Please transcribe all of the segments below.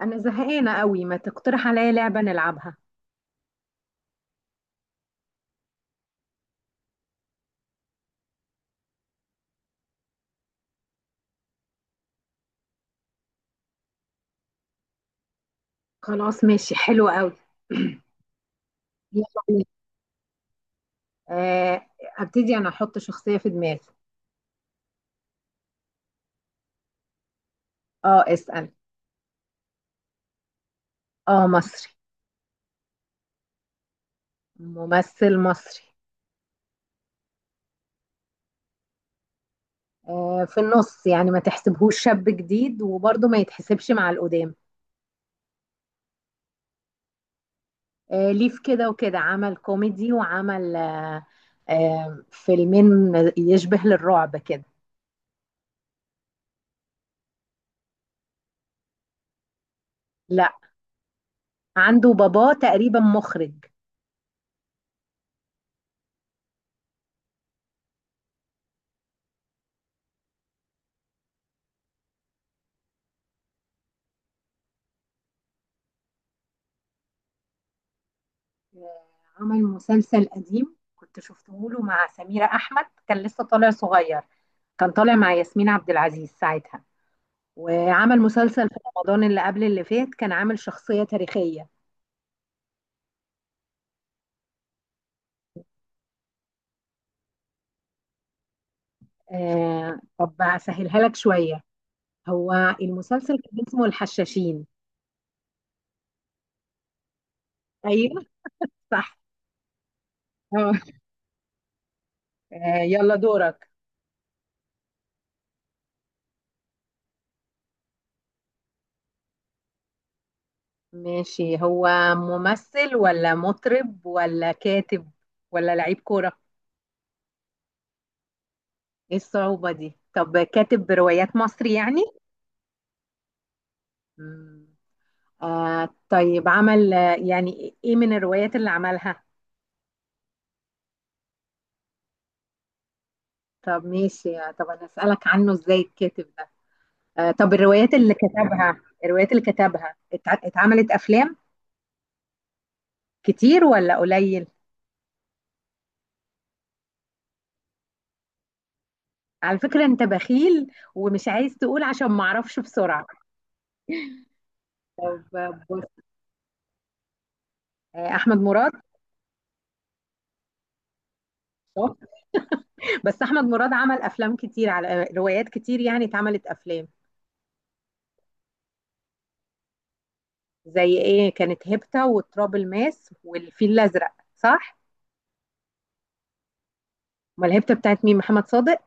انا زهقانه قوي، ما تقترح عليا لعبه نلعبها؟ خلاص ماشي حلو قوي. يلا بينا. آه، ابتدي انا احط شخصيه في دماغي. اه اسال. اه مصري. ممثل مصري. في النص يعني، ما تحسبهوش شاب جديد وبرضه ما يتحسبش مع القدام. ليه في كده وكده، عمل كوميدي وعمل فيلمين يشبه للرعب كده. لا، عنده باباه تقريبا مخرج. آه، عمل مسلسل قديم كنت شفته له مع سميرة أحمد، كان لسه طالع صغير. كان طالع مع ياسمين عبد العزيز ساعتها. وعمل مسلسل في رمضان اللي قبل اللي فات، كان عامل شخصية تاريخية. آه طب أسهلها لك شوية. هو المسلسل كان اسمه الحشاشين. أيوه صح. آه. يلا دورك. ماشي. هو ممثل ولا مطرب ولا كاتب، ولا لعيب كورة؟ ايه الصعوبة دي؟ طب كاتب بروايات مصري يعني. مم. آه طيب، عمل يعني ايه من الروايات اللي عملها؟ طب ماشي، طب انا اسالك عنه ازاي الكاتب ده. آه طب الروايات اللي كتبها، اتعملت افلام كتير ولا قليل؟ على فكرة انت بخيل ومش عايز تقول عشان ما اعرفش بسرعة. طب بص، احمد مراد. شاطر. بس احمد مراد عمل افلام كتير، على روايات كتير يعني اتعملت افلام. زي ايه؟ كانت هيبتا وتراب الماس والفيل الازرق صح؟ امال الهبته بتاعت مين؟ محمد صادق.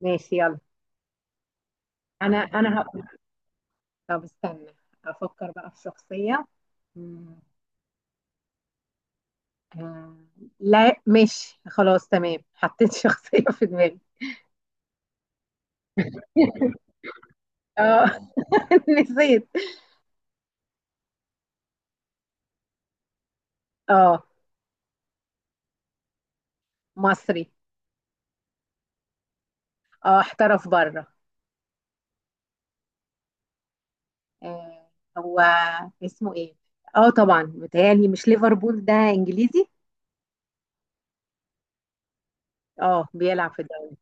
ماشي يلا. انا هقول. طب استنى افكر بقى في شخصيه. مم. آه، لا ماشي خلاص تمام، حطيت شخصيه في دماغي. اه. نسيت. اه. مصري. اه احترف بره. آه. هو اسمه ايه؟ اه طبعا متهيألي مش ليفربول ده انجليزي؟ اه بيلعب في الدوري.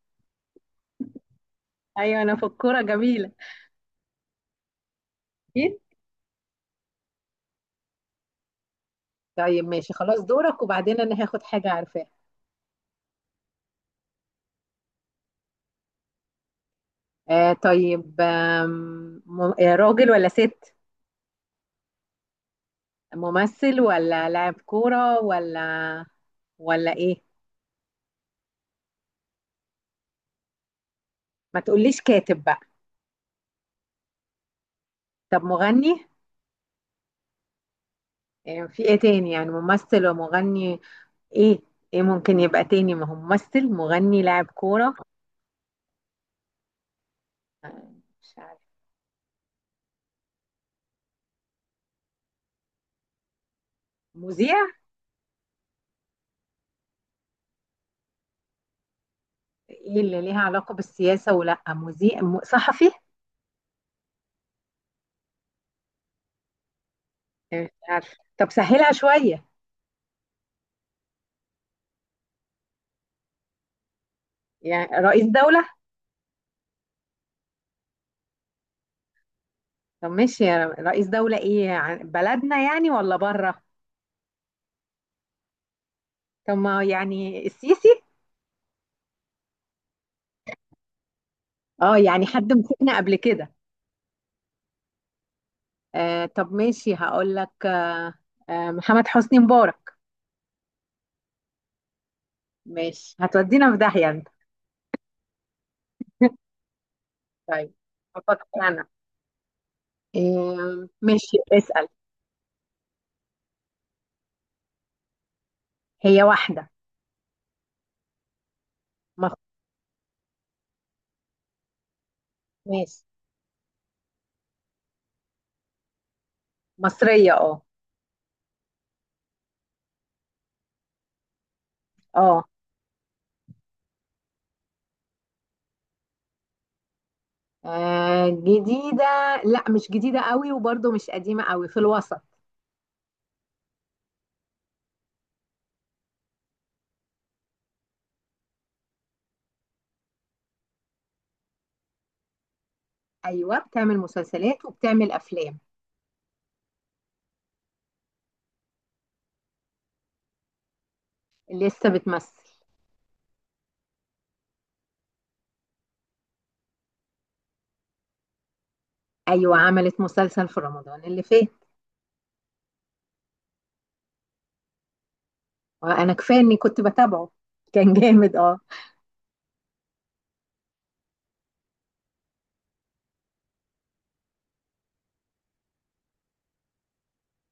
ايوه انا في الكوره جميله. اكيد. طيب ماشي خلاص دورك، وبعدين انا هاخد حاجه عارفاها. آه طيب، آم، م- آه، راجل ولا ست؟ ممثل ولا لاعب كورة، ولا ولا ايه؟ ما تقوليش كاتب بقى. طب مغني؟ في ايه تاني يعني؟ ممثل ومغني، ايه ايه ممكن يبقى تاني؟ ما هو ممثل، مغني، لاعب كورة. آه، مش عارف. مذيع؟ ايه اللي ليها علاقة بالسياسة؟ ولا مذيع، صحفي؟ مش عارف طب سهلها شوية. يعني رئيس دولة؟ طب ماشي يا رئيس دولة، ايه بلدنا يعني ولا بره؟ طب ما يعني السيسي؟ اه يعني حد مسكنا قبل كده. آه طب ماشي هقول لك، آه محمد حسني مبارك. ماشي هتودينا في داهية انت. طيب هفكر انا. آه ماشي اسأل. هي واحدة. مص- ماشي. مصرية اه. اه. جديدة، لا مش جديدة قوي وبرضه مش قديمة قوي، في الوسط. ايوه بتعمل مسلسلات وبتعمل افلام. لسه بتمثل. ايوه عملت مسلسل في رمضان اللي فات. انا كفايه اني كنت بتابعه، كان جامد اه.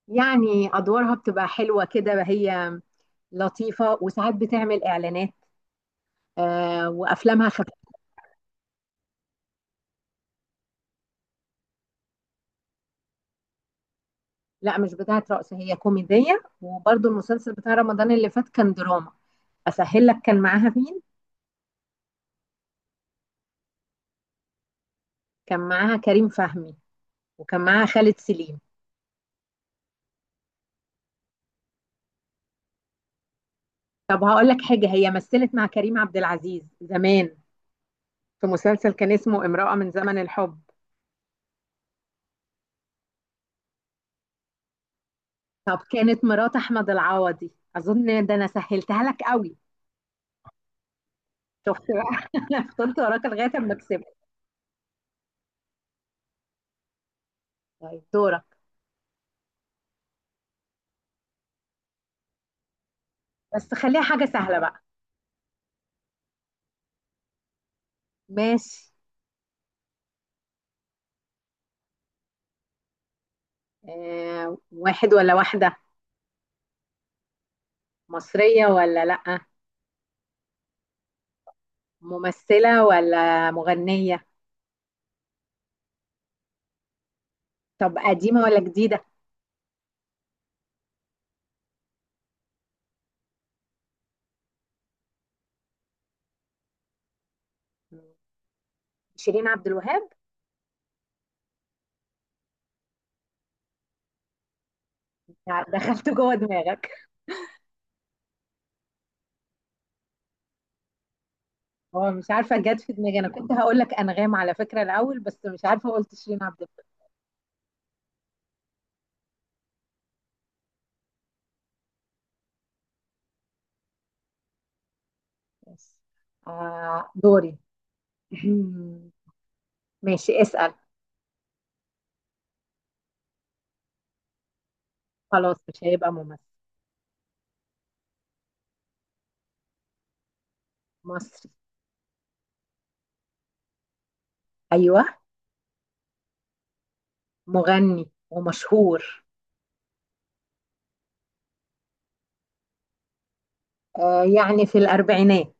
يعني ادوارها بتبقى حلوه كده هي، لطيفه وساعات بتعمل اعلانات، آه وافلامها خفيفه. لا مش بتاعه رقص، هي كوميديه وبرضو المسلسل بتاع رمضان اللي فات كان دراما. اسهل لك، كان معاها مين؟ كان معاها كريم فهمي وكان معاها خالد سليم. طب هقول لك حاجه، هي مثلت مع كريم عبد العزيز زمان في مسلسل كان اسمه امرأة من زمن الحب. طب كانت مرات احمد العوضي. اظن ده انا سهلتها لك قوي. شفت بقى؟ انا فضلت وراك لغايه اما كسبت. طيب دورك، بس خليها حاجه سهله بقى. ماشي. آه واحد ولا واحده؟ مصريه ولا لا؟ ممثله ولا مغنيه؟ طب قديمه ولا جديده؟ شيرين عبد الوهاب. دخلت جوه دماغك. هو مش عارفه جت في دماغي، انا كنت هقول لك انغام على فكره الاول بس مش عارفه قلت شيرين عبد الوهاب. بس. آه دوري. ماشي اسال. خلاص مش هيبقى ممثل. مصري. ايوه. مغني ومشهور. يعني في الأربعينات.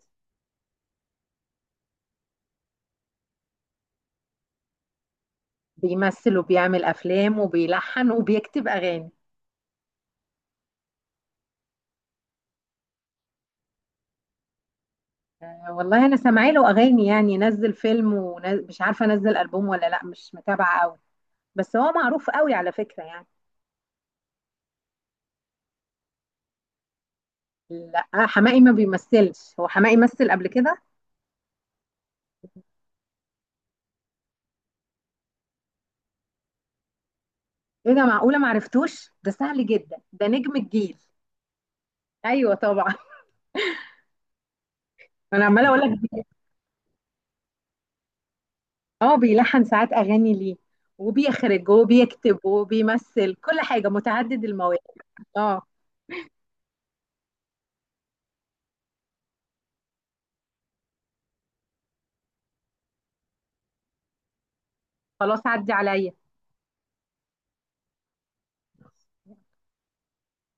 بيمثل وبيعمل أفلام وبيلحن وبيكتب أغاني. والله أنا سامعه له أغاني، يعني نزل فيلم ومش عارفة نزل ألبوم ولا لأ، مش متابعة قوي. بس هو معروف قوي على فكرة يعني. لا حماقي ما بيمثلش، هو حماقي مثل قبل كده. ايه ده؟ معقولة معرفتوش؟ ده سهل جدا، ده نجم الجيل. ايوه طبعا. انا عماله اقول لك. اه بيلحن ساعات اغاني ليه، وبيخرج وبيكتب وبيمثل كل حاجه، متعدد المواهب. اه. خلاص عدي عليا.